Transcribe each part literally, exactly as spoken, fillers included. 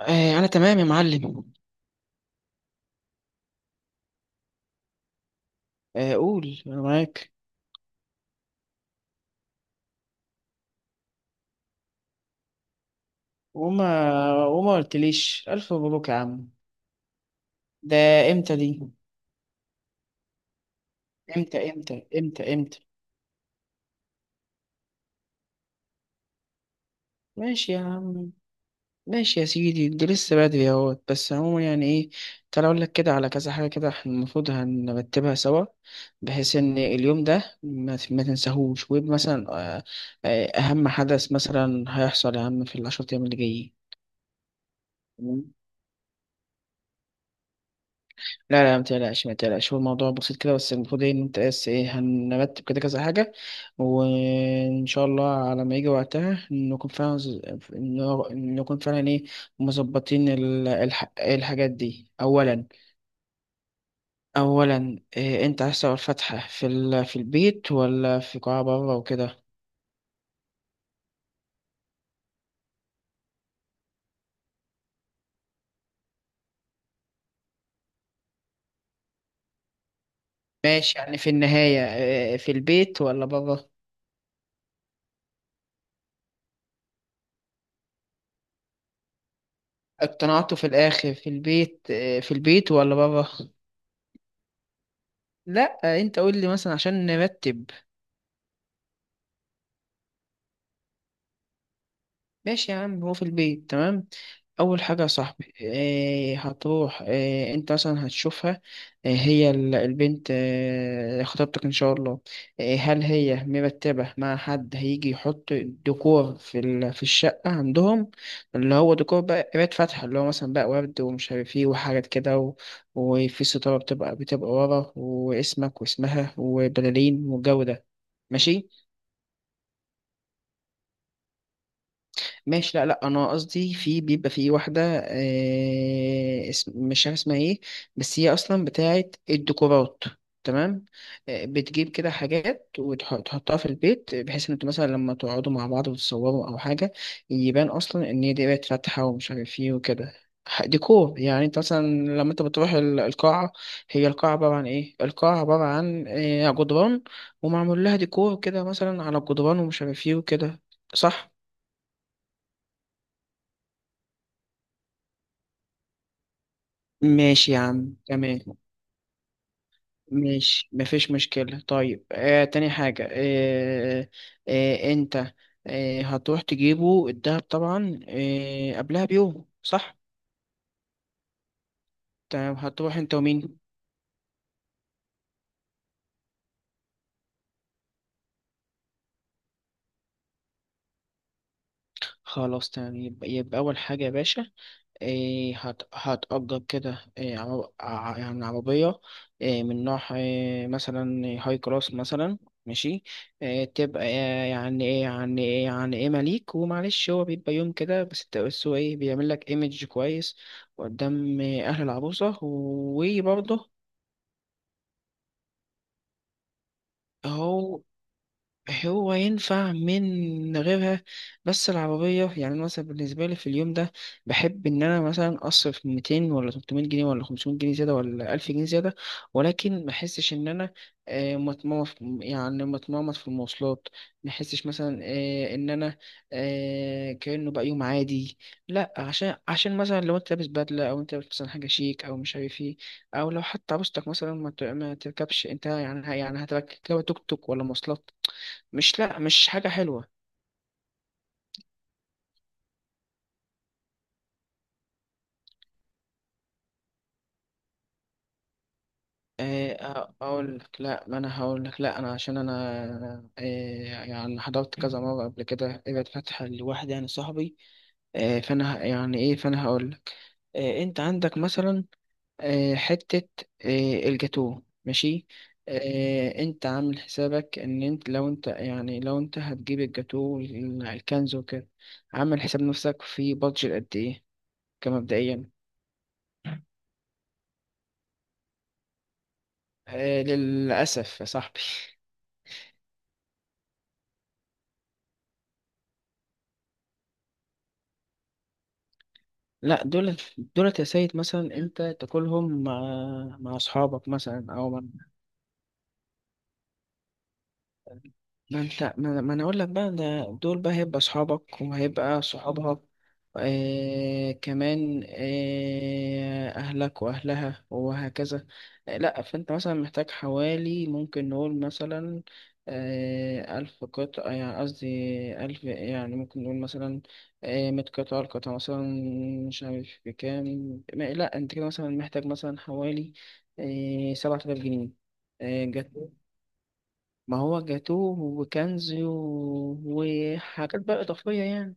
آه، انا تمام يا معلم. آه، قول، انا معاك. وما وما قلتليش الف مبروك يا عم. ده، امتى دي؟ امتى امتى امتى امتى؟ ماشي يا عم. ماشي يا سيدي، ده لسه بدري اهوت، بس عموما يعني ايه. تعالى اقول لك كده على كذا حاجه، كده احنا المفروض هنرتبها سوا بحيث ان اليوم ده ما ما تنساهوش ويبقى مثلا. آه، آه، اهم حدث مثلا هيحصل يا عم في العشرة ايام اللي جايين. لا، لا، ما تقلقش، ما تقلقش، هو الموضوع بسيط كده. بس المفروض ايه، ان انت، بس ايه، هنرتب كده كذا حاجة. وان شاء الله على ما يجي وقتها نكون فعلا ز- ن- نكون فعلا ايه، مظبطين ال- الح... الحاجات دي اولا. اولا، إيه انت عايز تعمل فتحة في ال... في البيت ولا في قاعة بره وكده؟ ماشي، يعني في النهاية إيه، في البيت ولا بره؟ اقتنعته في الاخر في البيت، إيه في البيت ولا بره؟ لا، انت قول لي مثلا عشان نرتب. ماشي يا عم، هو في البيت، تمام. اول حاجه يا صاحبي، إيه هتروح، إيه انت مثلا هتشوفها. إيه هي ال- البنت، إيه خطيبتك ان شاء الله. إيه، هل هي مرتبه مع حد هيجي يحط ديكور في ال- في الشقه عندهم؟ اللي هو ديكور بقى قرايه فاتحه، اللي هو مثلا بقى ورد ومش عارف ايه وحاجات كده و... وفي ستاره بتبقى بتبقى ورا واسمك واسمها وبلالين والجو ده. ماشي. ماشي، لا لا، انا قصدي في، بيبقى في واحده، آه اسم مش عارف اسمها ايه، بس هي اصلا بتاعت الديكورات. تمام. آه، بتجيب كده حاجات وتحطها في البيت بحيث ان انتوا مثلا لما تقعدوا مع بعض وتتصوروا او حاجه، يبان اصلا ان هي دي بقت فاتحه ومش عارف ايه وكده. ح- ديكور، يعني انت مثلا لما انت بتروح ال- القاعه. هي القاعه عباره عن ايه؟ القاعه عباره عن آه، جدران، ومعمول لها ديكور كده مثلا على الجدران ومش عارف ايه وكده، صح. ماشي يا عم، تمام. ماشي مفيش مشكلة. طيب آه تاني حاجة. آه آه انت آه هتروح تجيبه الدهب طبعا آه قبلها بيوم، صح؟ تمام، هتروح انت ومين؟ خلاص تمام، يبقى, يبقى أول حاجة يا باشا، إيه هت... هتأجر كده إيه عرب... ع- يعني عربية، إيه من نوع إيه، مثلا هاي كلاس مثلا. ماشي. إيه تبقى إيه يعني، إيه يعني، إيه يعني إيه، مليك. ومعلش هو بيبقى يوم كده بس، الت- بس هو إيه بيعمل لك إيمج كويس قدام إيه أهل العروسة وبرضه. أهو. هو ينفع من غيرها، بس العربية يعني، أنا مثلا بالنسبة لي في اليوم ده بحب إن أنا مثلا أصرف مائتين ولا تلتمية جنيه ولا خمسمية جنيه زيادة ولا الف جنيه زيادة. ولكن ما أحسش إن أنا آه، متمرمط في- يعني متمرمط في المواصلات. ما أحسش مثلا آه، إن أنا آه، كأنه بقى يوم عادي. لا، عشان عشان مثلا لو أنت لابس بدلة، أو أنت لابس مثلا حاجة شيك أو مش عارف إيه. أو لو حتى عروستك مثلا ما ت- ما تركبش أنت، يعني يعني هتركب توك توك ولا مواصلات، مش، لا مش حاجة حلوة. آه، أقول لك لا، ما أنا هقول لك. لا أنا عشان أنا آه، يعني حضرت كذا مرة قبل كده ابعد فتحة لواحد يعني صاحبي. آه، فأنا ه- يعني إيه، فأنا هقول لك. آه، أنت عندك مثلا آه، حتة آه، الجاتوه، ماشي. آه، أنت عامل حسابك إن أنت، لو أنت يعني لو أنت هتجيب الجاتوه وال- الكنز وكده، عامل حساب نفسك في بادجت قد إيه، كمبدئيا. آه، للأسف يا صاحبي. لا، دولت. دولت يا سيد مثلا انت تاكلهم مع مع اصحابك مثلا او مع. ما انت، ما ما انا اقول لك بقى، ده دول بقى هيبقى اصحابك وهيبقى صحابها، آه كمان آه اهلك واهلها، وهكذا. آه لا، فانت مثلا محتاج حوالي، ممكن نقول مثلا آه الف قطعة، يعني قصدي الف، يعني ممكن نقول مثلا آه مية قطعة، القطعة مثلا مش عارف بكام. ما- لا، انت كده مثلا محتاج مثلا حوالي آه سبعة آلاف جنيه. آه، جت. ما هو جاتوه وكنز و- وحاجات بقى إضافية يعني.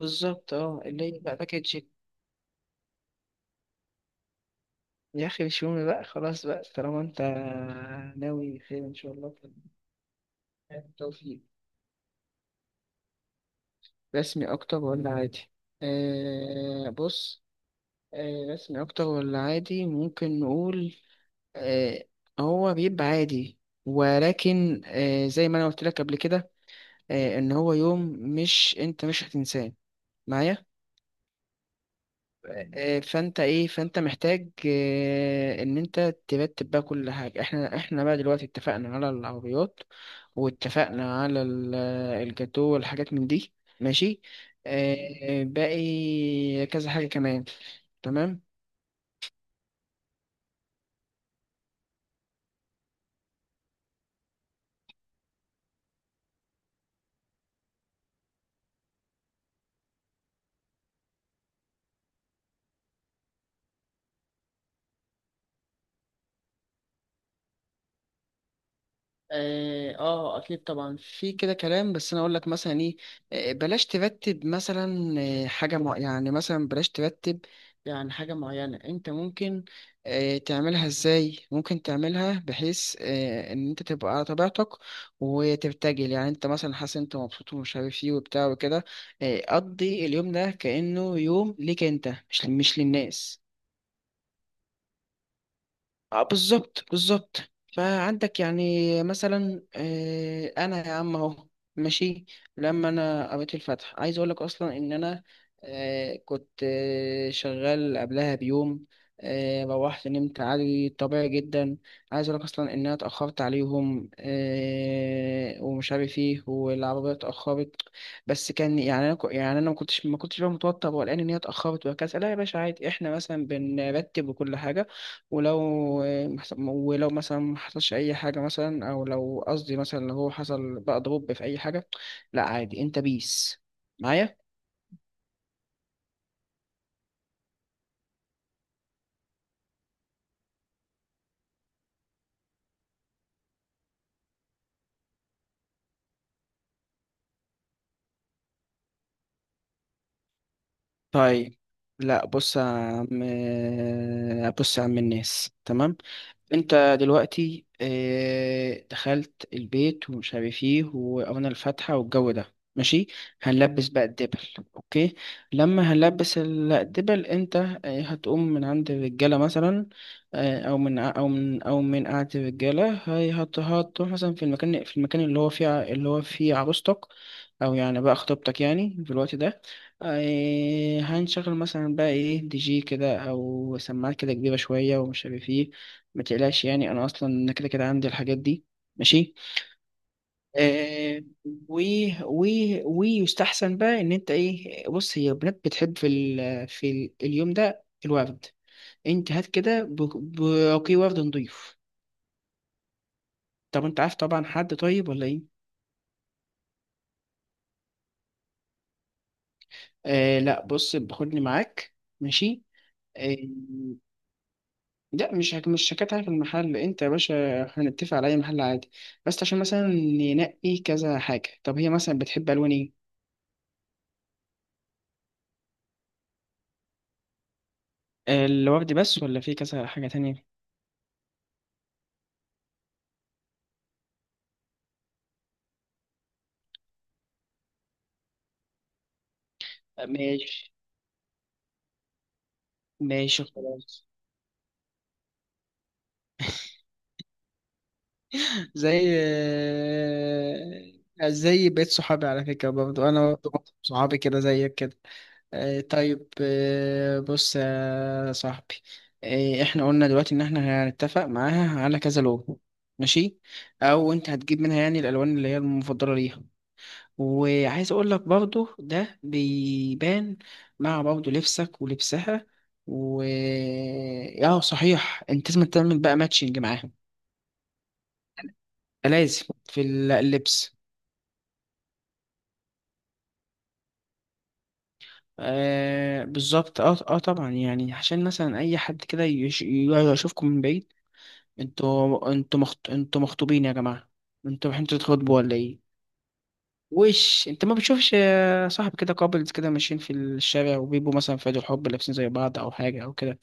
بالظبط، اه اللي هي بقى باكج. يا أخي مش مهم بقى، خلاص بقى طالما أنت ناوي خير إن شاء الله. بالتوفيق. رسمي أكتر ولا عادي؟ آه بص. آه رسمي أكتر ولا عادي، ممكن نقول آه هو بيبقى عادي. ولكن آه زي ما أنا قلت لك قبل كده آه إن هو يوم مش، أنت مش هتنساه. معايا؟ آه، فانت ايه، فانت محتاج آه، ان انت ترتب بقى كل حاجه. احنا احنا بقى دلوقتي اتفقنا على العربيات، واتفقنا على ال- الجاتو والحاجات من دي. ماشي. آه، باقي كذا حاجه كمان. تمام. اه، آه، اكيد طبعا في كده كلام، بس انا اقول لك مثلا ايه، آه، بلاش ترتب مثلا آه، حاجه مع، يعني مثلا بلاش ترتب يعني حاجه معينه. انت ممكن آه، تعملها ازاي، ممكن تعملها بحيث آه، ان انت تبقى على طبيعتك وترتجل، يعني انت مثلا حاسس انت مبسوط ومش عارف ايه وبتاع وكده. آه، قضي اليوم ده كانه يوم ليك انت، مش مش للناس. اه بالظبط، بالظبط. فعندك يعني مثلا آه، انا يا عم، اهو. ماشي. لما انا قريت الفتح عايز اقول لك اصلا ان انا آه، كنت آه، شغال قبلها بيوم، آه، روحت نمت عادي طبيعي جدا. عايز اقول لك اصلا ان انا اتاخرت عليهم آه، ومش عارف ايه، والعربيه اتاخرت. بس كان يعني انا كو- يعني انا ما كنتش ما كنتش بقى متوتر ولا ان هي اتاخرت وهكذا. لا يا باشا عادي، احنا مثلا بنرتب وكل حاجه، ولو محس- ولو مثلا ما حصلش اي حاجه مثلا، او لو قصدي مثلا لو هو حصل بقى ضرب في اي حاجه، لا عادي انت بيس معايا. طيب. لا بص يا عم، بص يا عم، الناس تمام. انت دلوقتي اه دخلت البيت ومش عارف ايه وقرنا الفاتحة والجو ده ماشي، هنلبس بقى الدبل، اوكي. لما هنلبس ال- الدبل، انت اه هتقوم من عند الرجالة مثلا، اه او من ع- او من او من قعدة الرجالة، هي- هت- هتروح مثلا في المكان، في المكان اللي هو فيه ع- اللي هو فيه عروستك، او يعني بقى خطيبتك يعني في الوقت ده. اه هنشغل مثلا بقى ايه دي جي كده او سماعات كده كبيرة شوية ومش عارف ايه. ما تقلقش يعني، انا اصلا انا كده كده عندي الحاجات دي. ماشي. آه و و ويستحسن بقى ان انت ايه، بص هي البنات بتحب في ال في ال اليوم ده الورد. انت هات كده ب- برقي ورد نضيف. طب انت عارف طبعا حد طيب، ولا ايه؟ آه لا بص، خدني معاك. ماشي. آه لا، مش هك- مش شكاتها في المحل انت يا باشا، هنتفق على اي محل عادي. بس عشان مثلا ننقي كذا حاجة، طب هي مثلا بتحب الوان ايه؟ الوردي بس ولا في كذا حاجة تانية؟ ماشي. ماشي خلاص. زي، آه، زي بقيت صحابي، على فكرة برضو أنا برضو صحابي كده زيك كده. آه، طيب، آه، بص يا صاحبي، آه، احنا قلنا دلوقتي ان احنا هنتفق معاها على كذا لون. ماشي، او انت هتجيب منها يعني الالوان اللي هي المفضله ليها. وعايز اقول لك برضو ده بيبان مع برضو لبسك ولبسها. و اه صحيح، انت لازم تعمل بقى ماتشنج معاهم. لازم في ال- اللبس. آه بالظبط، اه اه طبعا يعني عشان مثلا اي حد كده يش- يشوفكم من بعيد. انتوا انتوا مخط... انتوا مخطوبين يا جماعة، انتوا رايحين تتخطبوا ولا ايه؟ وش انت ما بتشوفش آه، صاحب كده كابلز كده ماشيين في الشارع وبيبقوا مثلا في عيد الحب لابسين زي بعض او حاجة او كده؟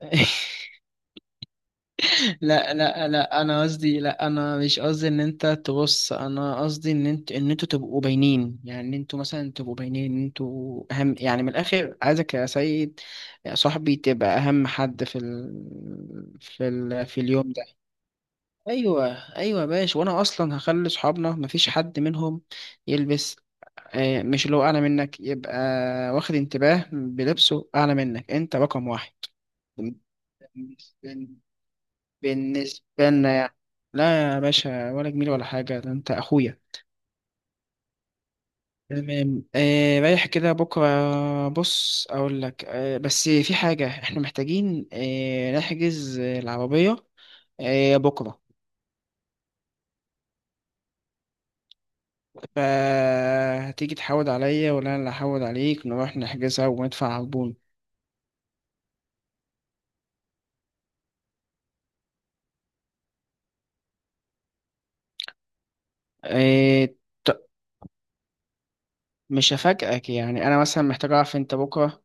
لا لا لا، انا قصدي لا، انا مش قصدي ان انت تبص. انا قصدي ان انت ان انتوا تبقوا باينين، يعني ان انتوا مثلا تبقوا باينين، ان انتوا اهم، يعني من الاخر عايزك يا سيد، يا صاحبي، تبقى اهم حد في ال... في ال... في اليوم ده. ايوه. ايوه يا باشا، وانا اصلا هخلي صحابنا مفيش حد منهم يلبس، آه، مش اللي هو اعلى منك، يبقى واخد انتباه بلبسه اعلى منك. انت رقم واحد بالنسبة لنا يعني. لا يا باشا، ولا جميل ولا حاجة، ده انت اخويا. تمام. آه رايح كده بكرة، بص اقول لك، آه بس في حاجة احنا محتاجين آه نحجز العربية آه بكرة. فهتيجي تحود عليا ولا انا اللي هحود عليك نروح نحجزها وندفع عربون. آه ط- مش هفاجئك، يعني انا مثلا محتاج اعرف انت بكرة،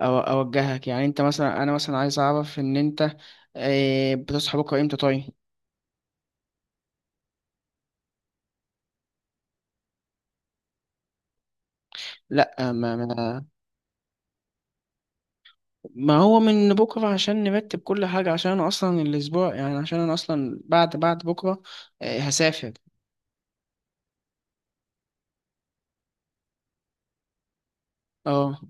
او اوجهك يعني، انت مثلا انا مثلا عايز اعرف ان انت آه بتصحى بكرة امتى؟ طيب. لا، ما ما ما هو من بكره عشان نرتب كل حاجه، عشان انا اصلا الاسبوع يعني، عشان انا اصلا بعد بعد بكره آه، هسافر. اه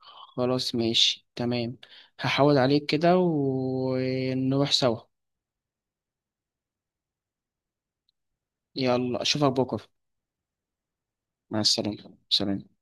خلاص ماشي تمام. هحاول عليك كده ونروح سوا. يلا اشوفك بكره. مع السلامه، سلام.